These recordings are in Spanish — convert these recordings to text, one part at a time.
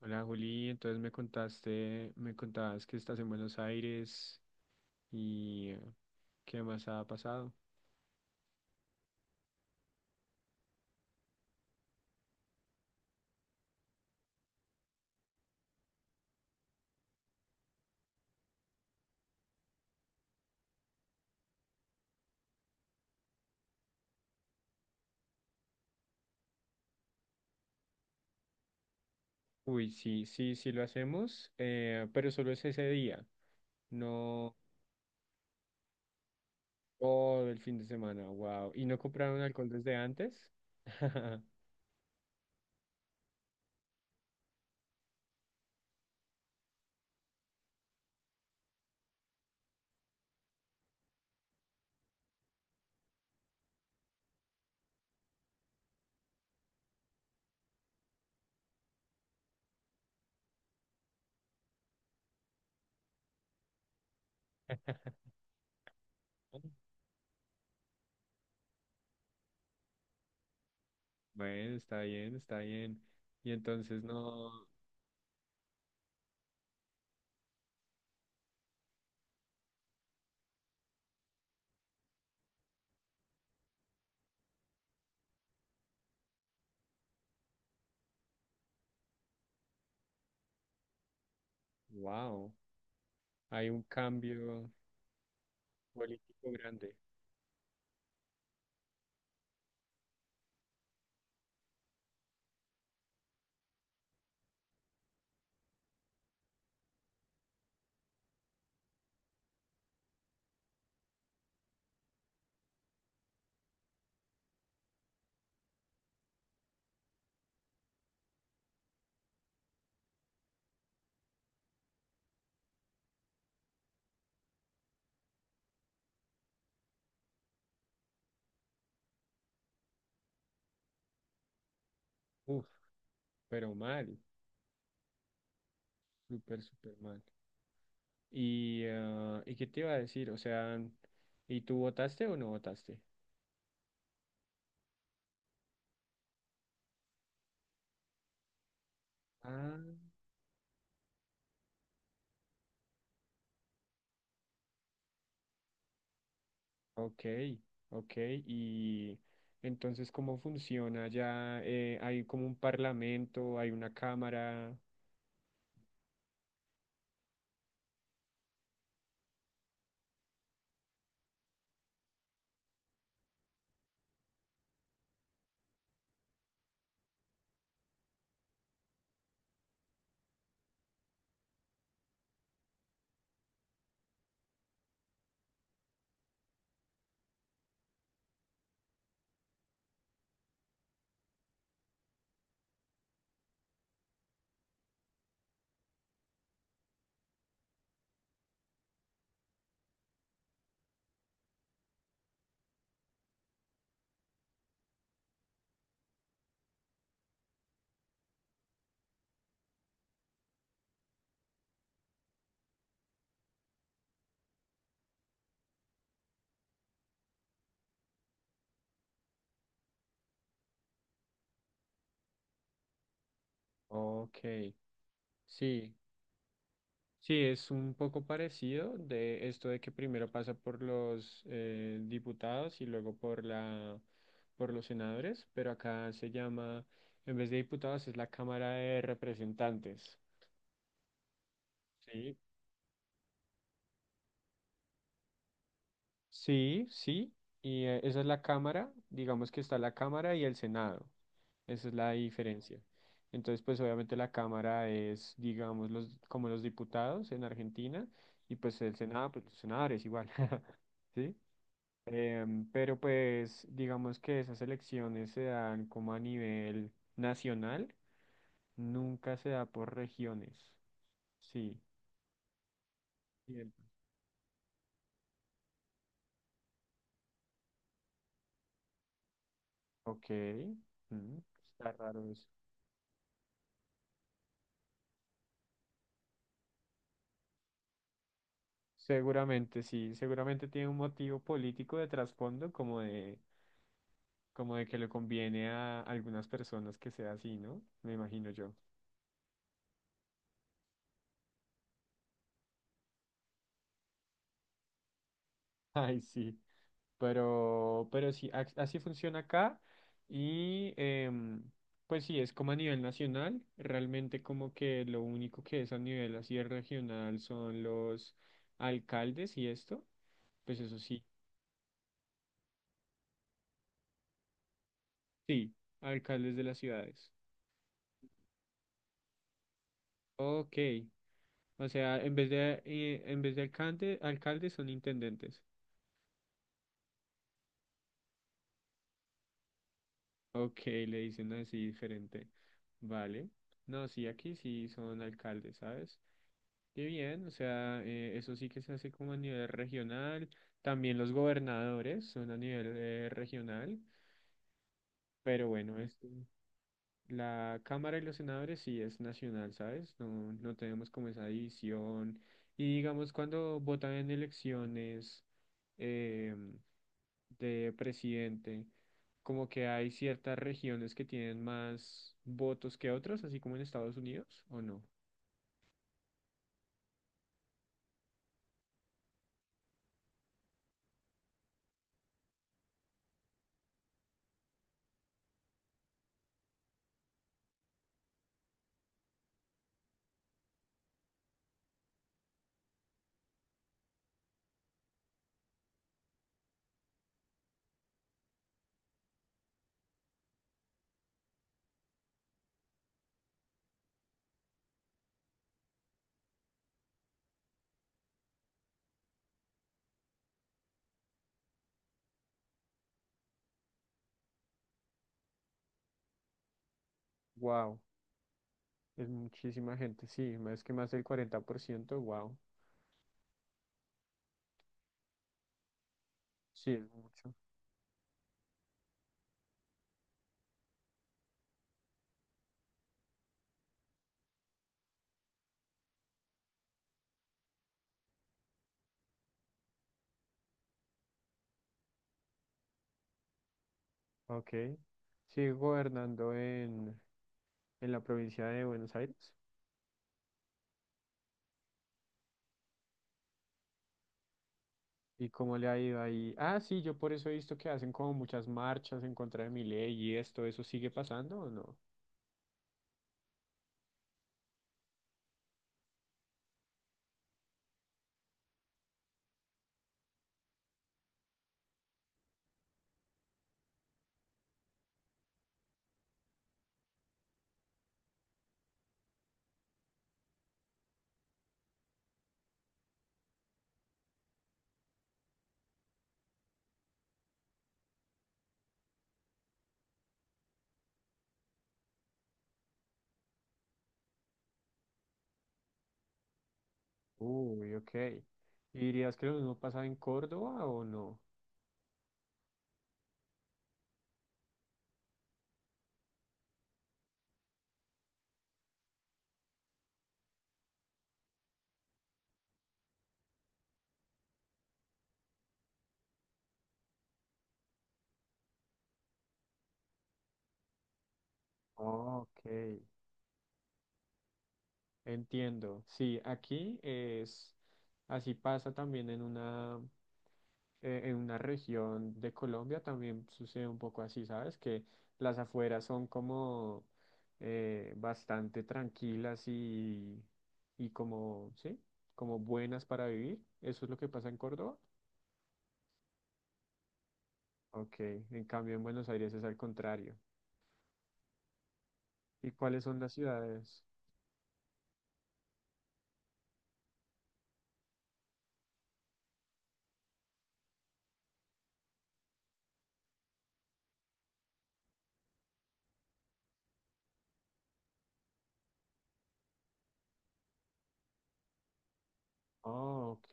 Hola Juli, entonces me contabas que estás en Buenos Aires y qué más ha pasado. Uy, sí, sí, sí lo hacemos, pero solo es ese día, no todo el fin de semana, wow. ¿Y no compraron alcohol desde antes? Bueno, está bien, está bien. Y entonces no, wow, hay un cambio político grande. Uf, pero mal, súper, súper mal. Y, ah, ¿y qué te iba a decir? O sea, ¿y tú votaste o no votaste? Ah, ok, ok. Y entonces, ¿cómo funciona ya? ¿Hay como un parlamento, hay una cámara? Ok, sí, sí, es un poco parecido de esto de que primero pasa por los diputados y luego por la, por los senadores, pero acá se llama, en vez de diputados, es la Cámara de Representantes. Sí, sí, sí, y esa es la Cámara, digamos que está la Cámara y el Senado, esa es la diferencia. Entonces, pues obviamente la Cámara es, digamos, los, como los diputados en Argentina, y pues el Senado, pues los senadores igual, ¿sí? Em, pero pues digamos que esas elecciones se dan como a nivel nacional, nunca se da por regiones, sí. Bien. Ok, mm, está raro eso. Seguramente, sí, seguramente tiene un motivo político de trasfondo, como de que le conviene a algunas personas que sea así, ¿no? Me imagino yo. Ay, sí. Pero sí, así funciona acá. Y em, pues sí, es como a nivel nacional. Realmente como que lo único que es a nivel así regional son los alcaldes y esto. Pues eso sí. Sí, alcaldes de las ciudades. Ok. O sea, en vez de alcalde, alcaldes son intendentes. Ok, le dicen así diferente. Vale. No, sí, aquí sí son alcaldes, ¿sabes? Qué bien, o sea, eso sí que se hace como a nivel regional. También los gobernadores son a nivel regional. Pero bueno, esto- la Cámara y los senadores sí es nacional, ¿sabes? No, no tenemos como esa división. Y digamos, cuando votan en elecciones. Em, de presidente, como que hay ciertas regiones que tienen más votos que otras, así como en Estados Unidos, ¿o no? Wow, es muchísima gente, sí, más que más del 40% wow, sí, es mucho. Ok, sigue gobernando en la provincia de Buenos Aires. ¿Y cómo le ha ido ahí? Ah, sí, yo por eso he visto que hacen como muchas marchas en contra de mi ley y esto, ¿eso sigue pasando o no? Uy, ok. ¿Y dirías que lo mismo pasa en Córdoba o no? Ok, entiendo. Sí, aquí es, así pasa también en una región de Colombia, también sucede un poco así, ¿sabes? Que las afueras son como bastante tranquilas y como, ¿sí? Como buenas para vivir. ¿Eso es lo que pasa en Córdoba? Ok, en cambio en Buenos Aires es al contrario. ¿Y cuáles son las ciudades? Oh, ok.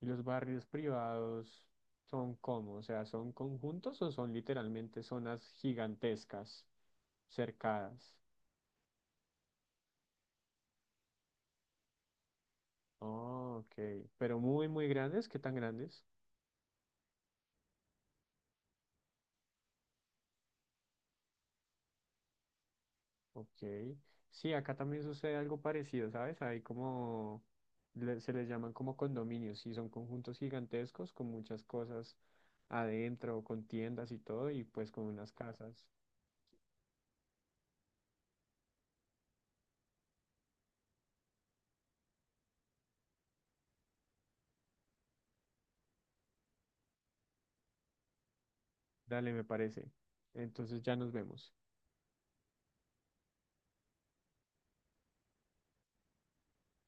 ¿Y los barrios privados son cómo? O sea, ¿son conjuntos o son literalmente zonas gigantescas, cercadas? Oh, ok. Pero muy, muy grandes. ¿Qué tan grandes? Ok. Sí, acá también sucede algo parecido, ¿sabes? Hay como, se les llaman como condominios, y son conjuntos gigantescos con muchas cosas adentro, con tiendas y todo, y pues con unas casas. Dale, me parece. Entonces ya nos vemos.